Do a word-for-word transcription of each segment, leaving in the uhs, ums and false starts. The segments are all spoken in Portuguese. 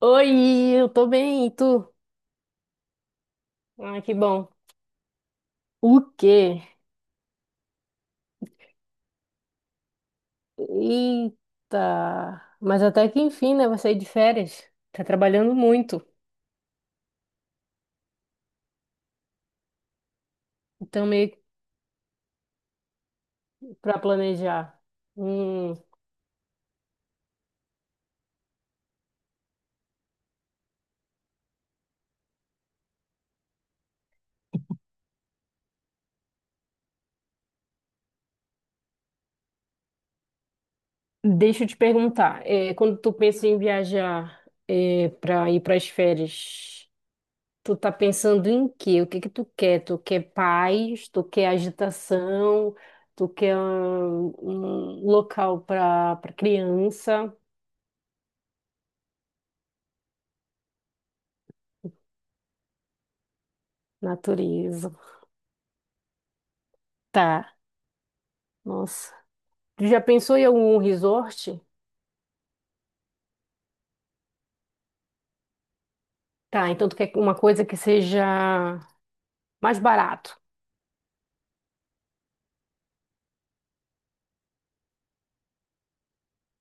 Oi, eu tô bem, e tu? Ah, que bom. O quê? Eita! Mas até que enfim, né? Vai sair de férias. Tá trabalhando muito, então meio que pra planejar. Hum, deixa eu te perguntar, é, quando tu pensa em viajar é, pra ir pras férias, tu tá pensando em quê? O que que tu quer? Tu quer paz? Tu quer agitação? Tu quer hum, um, local pra, pra criança? Natureza. Tá, nossa. Tu já pensou em algum resort? Tá, então tu quer uma coisa que seja mais barato.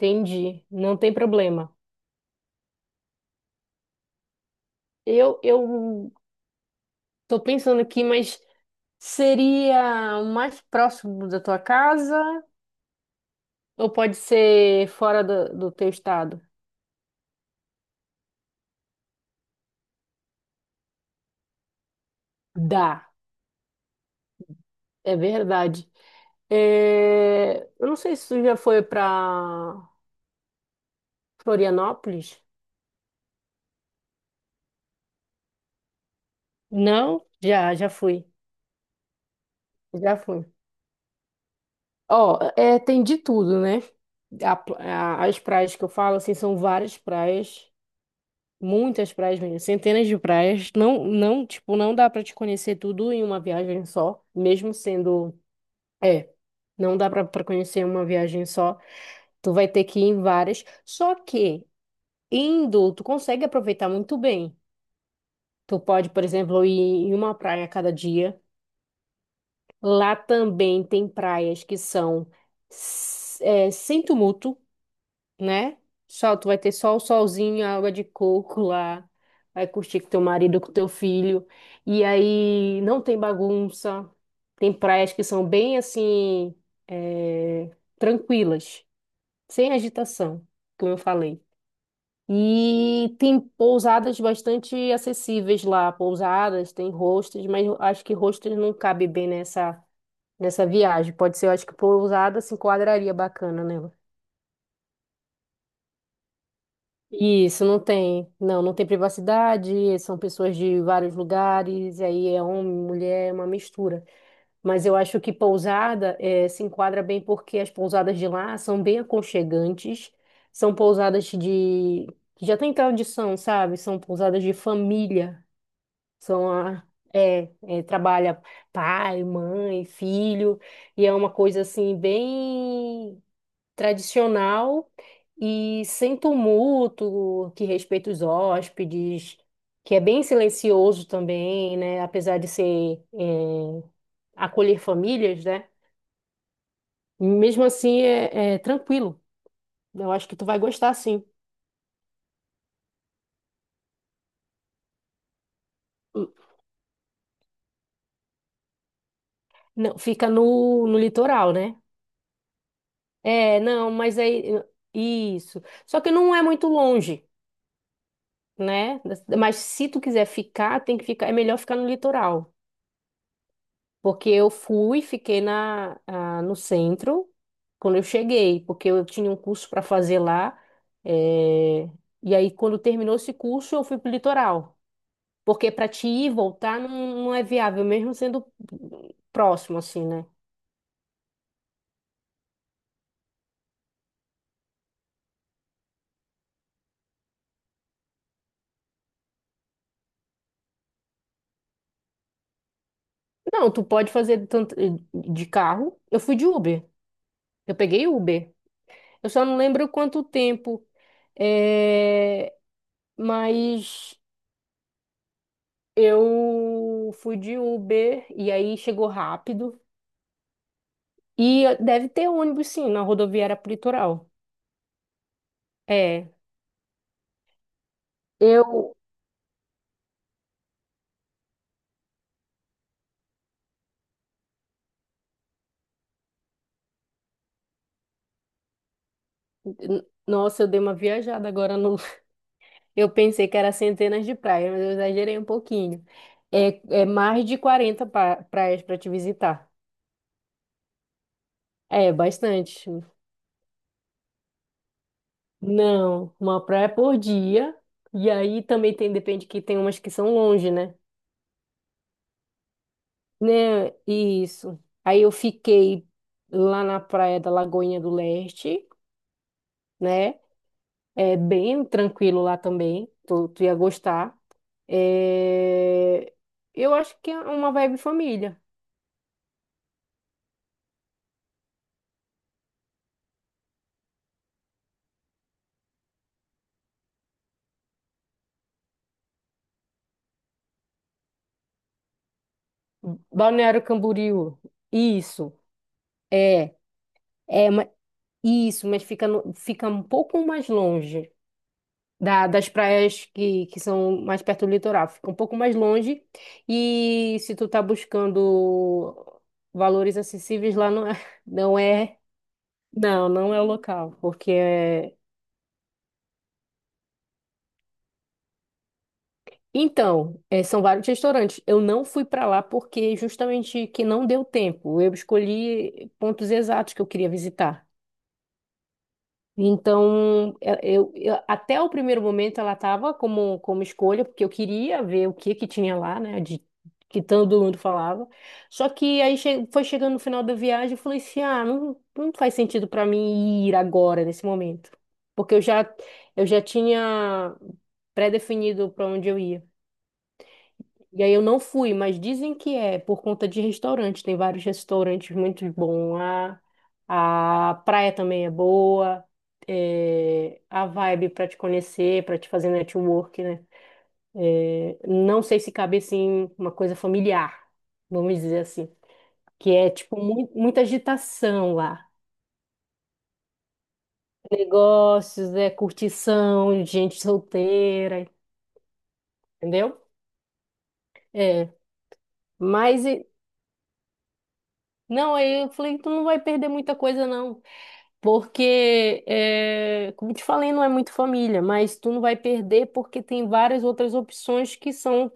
Entendi, não tem problema. Eu, eu tô pensando aqui, mas seria o mais próximo da tua casa ou pode ser fora do, do teu estado? Dá, é verdade. É, eu não sei se tu já foi para Florianópolis. Não? Já, já fui. Já fui. Ó, é, tem de tudo, né? A pl- a- as praias que eu falo, assim, são várias praias, muitas praias mesmo, centenas de praias. Não, não, tipo, não dá pra te conhecer tudo em uma viagem só, mesmo sendo, é, não dá pra pra conhecer em uma viagem só. Tu vai ter que ir em várias. Só que indo, tu consegue aproveitar muito bem. Tu pode, por exemplo, ir em uma praia a cada dia. Lá também tem praias que são s- é, sem tumulto, né? Só, tu vai ter só o solzinho, a água de coco lá. Vai curtir com teu marido, com teu filho. E aí não tem bagunça. Tem praias que são bem assim, é, tranquilas, sem agitação, como eu falei. E tem pousadas bastante acessíveis lá. Pousadas, tem hostels, mas eu acho que hostels não cabe bem nessa, nessa viagem. Pode ser, eu acho que pousada se enquadraria bacana, né? Isso, não tem. Não, não tem privacidade, são pessoas de vários lugares, e aí é homem, mulher, é uma mistura. Mas eu acho que pousada eh, se enquadra bem porque as pousadas de lá são bem aconchegantes, são pousadas de... que já tem tradição, sabe? São pousadas de família, são a... É, é, trabalha pai, mãe, filho, e é uma coisa assim bem tradicional e sem tumulto, que respeita os hóspedes, que é bem silencioso também, né? Apesar de ser eh, acolher famílias, né? Mesmo assim é, é tranquilo. Eu acho que tu vai gostar, sim. Hum. Não, fica no, no litoral, né? É, não, mas aí isso. Só que não é muito longe, né? Mas se tu quiser ficar, tem que ficar. É melhor ficar no litoral. Porque eu fui, fiquei na, ah, no centro quando eu cheguei, porque eu tinha um curso para fazer lá. eh, E aí, quando terminou esse curso, eu fui para o litoral. Porque para te ir e voltar não, não é viável, mesmo sendo próximo, assim, né? Não, tu pode fazer tanto eh, de carro. Eu fui de Uber. Eu peguei Uber. Eu só não lembro quanto tempo, eh, mas eu fui de Uber e aí chegou rápido. E deve ter ônibus, sim, na rodoviária pro litoral. É. Eu. n- Nossa, eu dei uma viajada agora no. Eu pensei que era centenas de praias, mas eu exagerei um pouquinho. É, é mais de quarenta pa- praias para te visitar. É, bastante. Não, uma praia por dia. E aí também tem, depende que tem umas que são longe, né? Né, isso. Aí eu fiquei lá na praia da Lagoinha do Leste, né? É bem tranquilo lá também. Tu, tu ia gostar. É, eu acho que é uma vibe família. Balneário Camboriú. Isso. É. É, ma- isso, mas fica, no- fica um pouco mais longe da- das praias que, que são mais perto do litoral. Fica um pouco mais longe. E se tu tá buscando valores acessíveis lá, não é, não é, não, não é o local, porque é... Então, eh, são vários restaurantes. Eu não fui para lá porque justamente que não deu tempo. Eu escolhi pontos exatos que eu queria visitar. Então, eh, eu, eu- até o primeiro momento ela estava como, como escolha, porque eu queria ver o que que tinha lá, né? De, que todo mundo falava. Só que aí che- foi chegando no final da viagem, eu falei assim, ah, não, não faz sentido para mim ir agora, nesse momento. Porque eu já, eu já tinha pré-definido para onde eu ia. E aí eu não fui, mas dizem que é por conta de restaurante. Tem vários restaurantes muito bons lá. A praia também é boa. É, a vibe para te conhecer, para te fazer network, né? É, não sei se cabe assim uma coisa familiar, vamos dizer assim, que é tipo mui- muita agitação lá. Negócios, é curtição, gente solteira, entendeu? É, mas e- não, aí eu falei, tu não vai perder muita coisa não. Porque, é, como te falei, não é muito família, mas tu não vai perder porque tem várias outras opções que são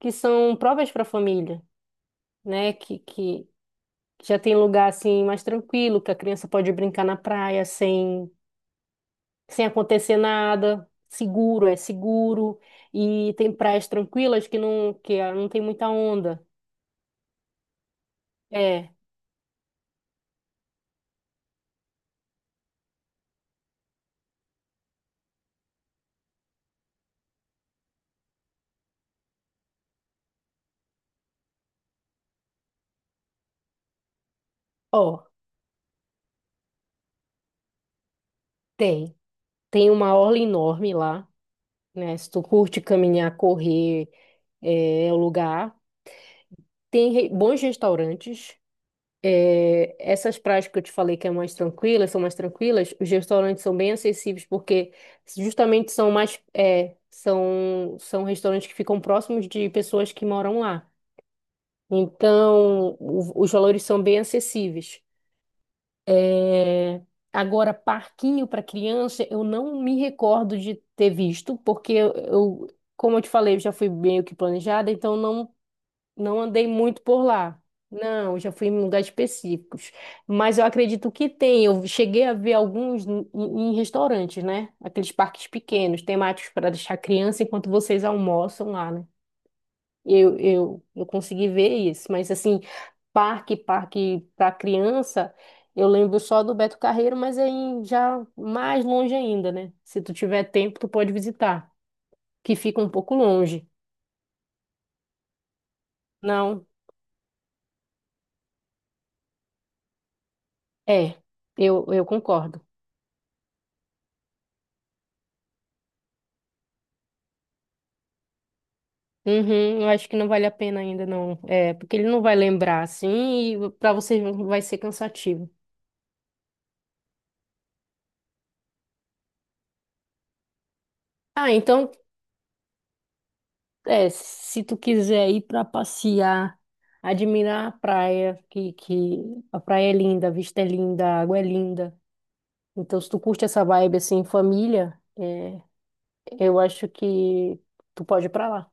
que são provas para família, né? Que, que já tem lugar assim mais tranquilo, que a criança pode brincar na praia sem, sem acontecer nada, seguro, é seguro, e tem praias tranquilas que não que ah, não tem muita onda. É, ó, tem. Tem uma orla enorme lá, né? Se tu curte caminhar, correr, é, é o lugar. Tem re- bons restaurantes. É, essas praias que eu te falei que é mais tranquilas, são mais tranquilas, os restaurantes são bem acessíveis porque justamente são mais, é, são, são restaurantes que ficam próximos de pessoas que moram lá. Então, o- os valores são bem acessíveis. É, agora, parquinho para criança, eu não me recordo de ter visto, porque eu, eu- como eu te falei, eu já fui meio que planejada, então não não andei muito por lá. Não, eu já fui em lugares específicos. Mas eu acredito que tem. Eu cheguei a ver alguns em, em restaurantes, né? Aqueles parques pequenos, temáticos para deixar criança enquanto vocês almoçam lá, né? Eu, eu, eu consegui ver isso. Mas, assim, parque, parque para criança, eu lembro só do Beto Carreiro, mas é em, já mais longe ainda, né? Se tu tiver tempo, tu pode visitar, que fica um pouco longe. Não, é, eu, eu concordo. Uhum, eu acho que não vale a pena ainda, não. É, porque ele não vai lembrar assim e para você vai ser cansativo. Ah, então, é, se tu quiser ir para passear, admirar a praia, que, que a praia é linda, a vista é linda, a água é linda. Então, se tu curte essa vibe assim, em família, eu acho que tu pode ir para lá.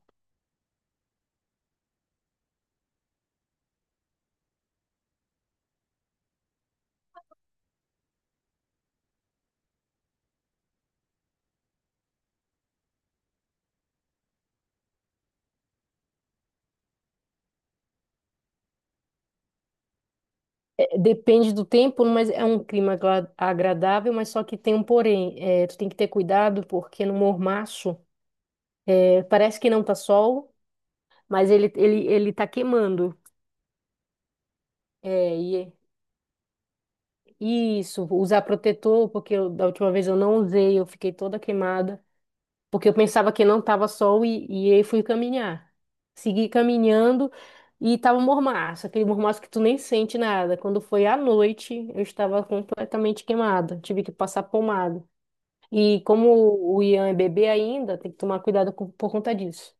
É, depende do tempo, mas é um clima agra- agradável, mas só que tem um porém. É, tu tem que ter cuidado porque no mormaço, é, parece que não tá sol. Mas ele, ele, ele tá queimando. É, e e isso, usar protetor, porque eu- da última vez eu não usei, eu fiquei toda queimada, porque eu pensava que não tava sol e, e aí fui caminhar. Segui caminhando e tava um mormaço, aquele mormaço que tu nem sente nada. Quando foi à noite, eu estava completamente queimada, tive que passar pomada. E como o Ian é bebê ainda, tem que tomar cuidado com- por conta disso.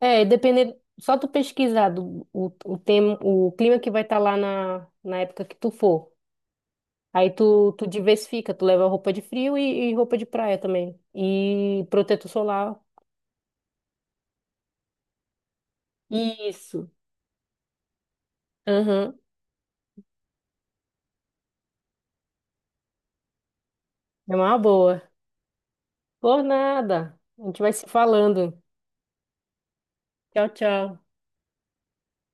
É, e dependendo, só tu pesquisar do, o, o tema, o clima que vai estar lá na, na época que tu for. Aí tu, tu diversifica, tu leva roupa de frio e, e roupa de praia também. E protetor solar. Isso. Aham. É uma boa. Por nada. A gente vai se falando. Tchau, tchau.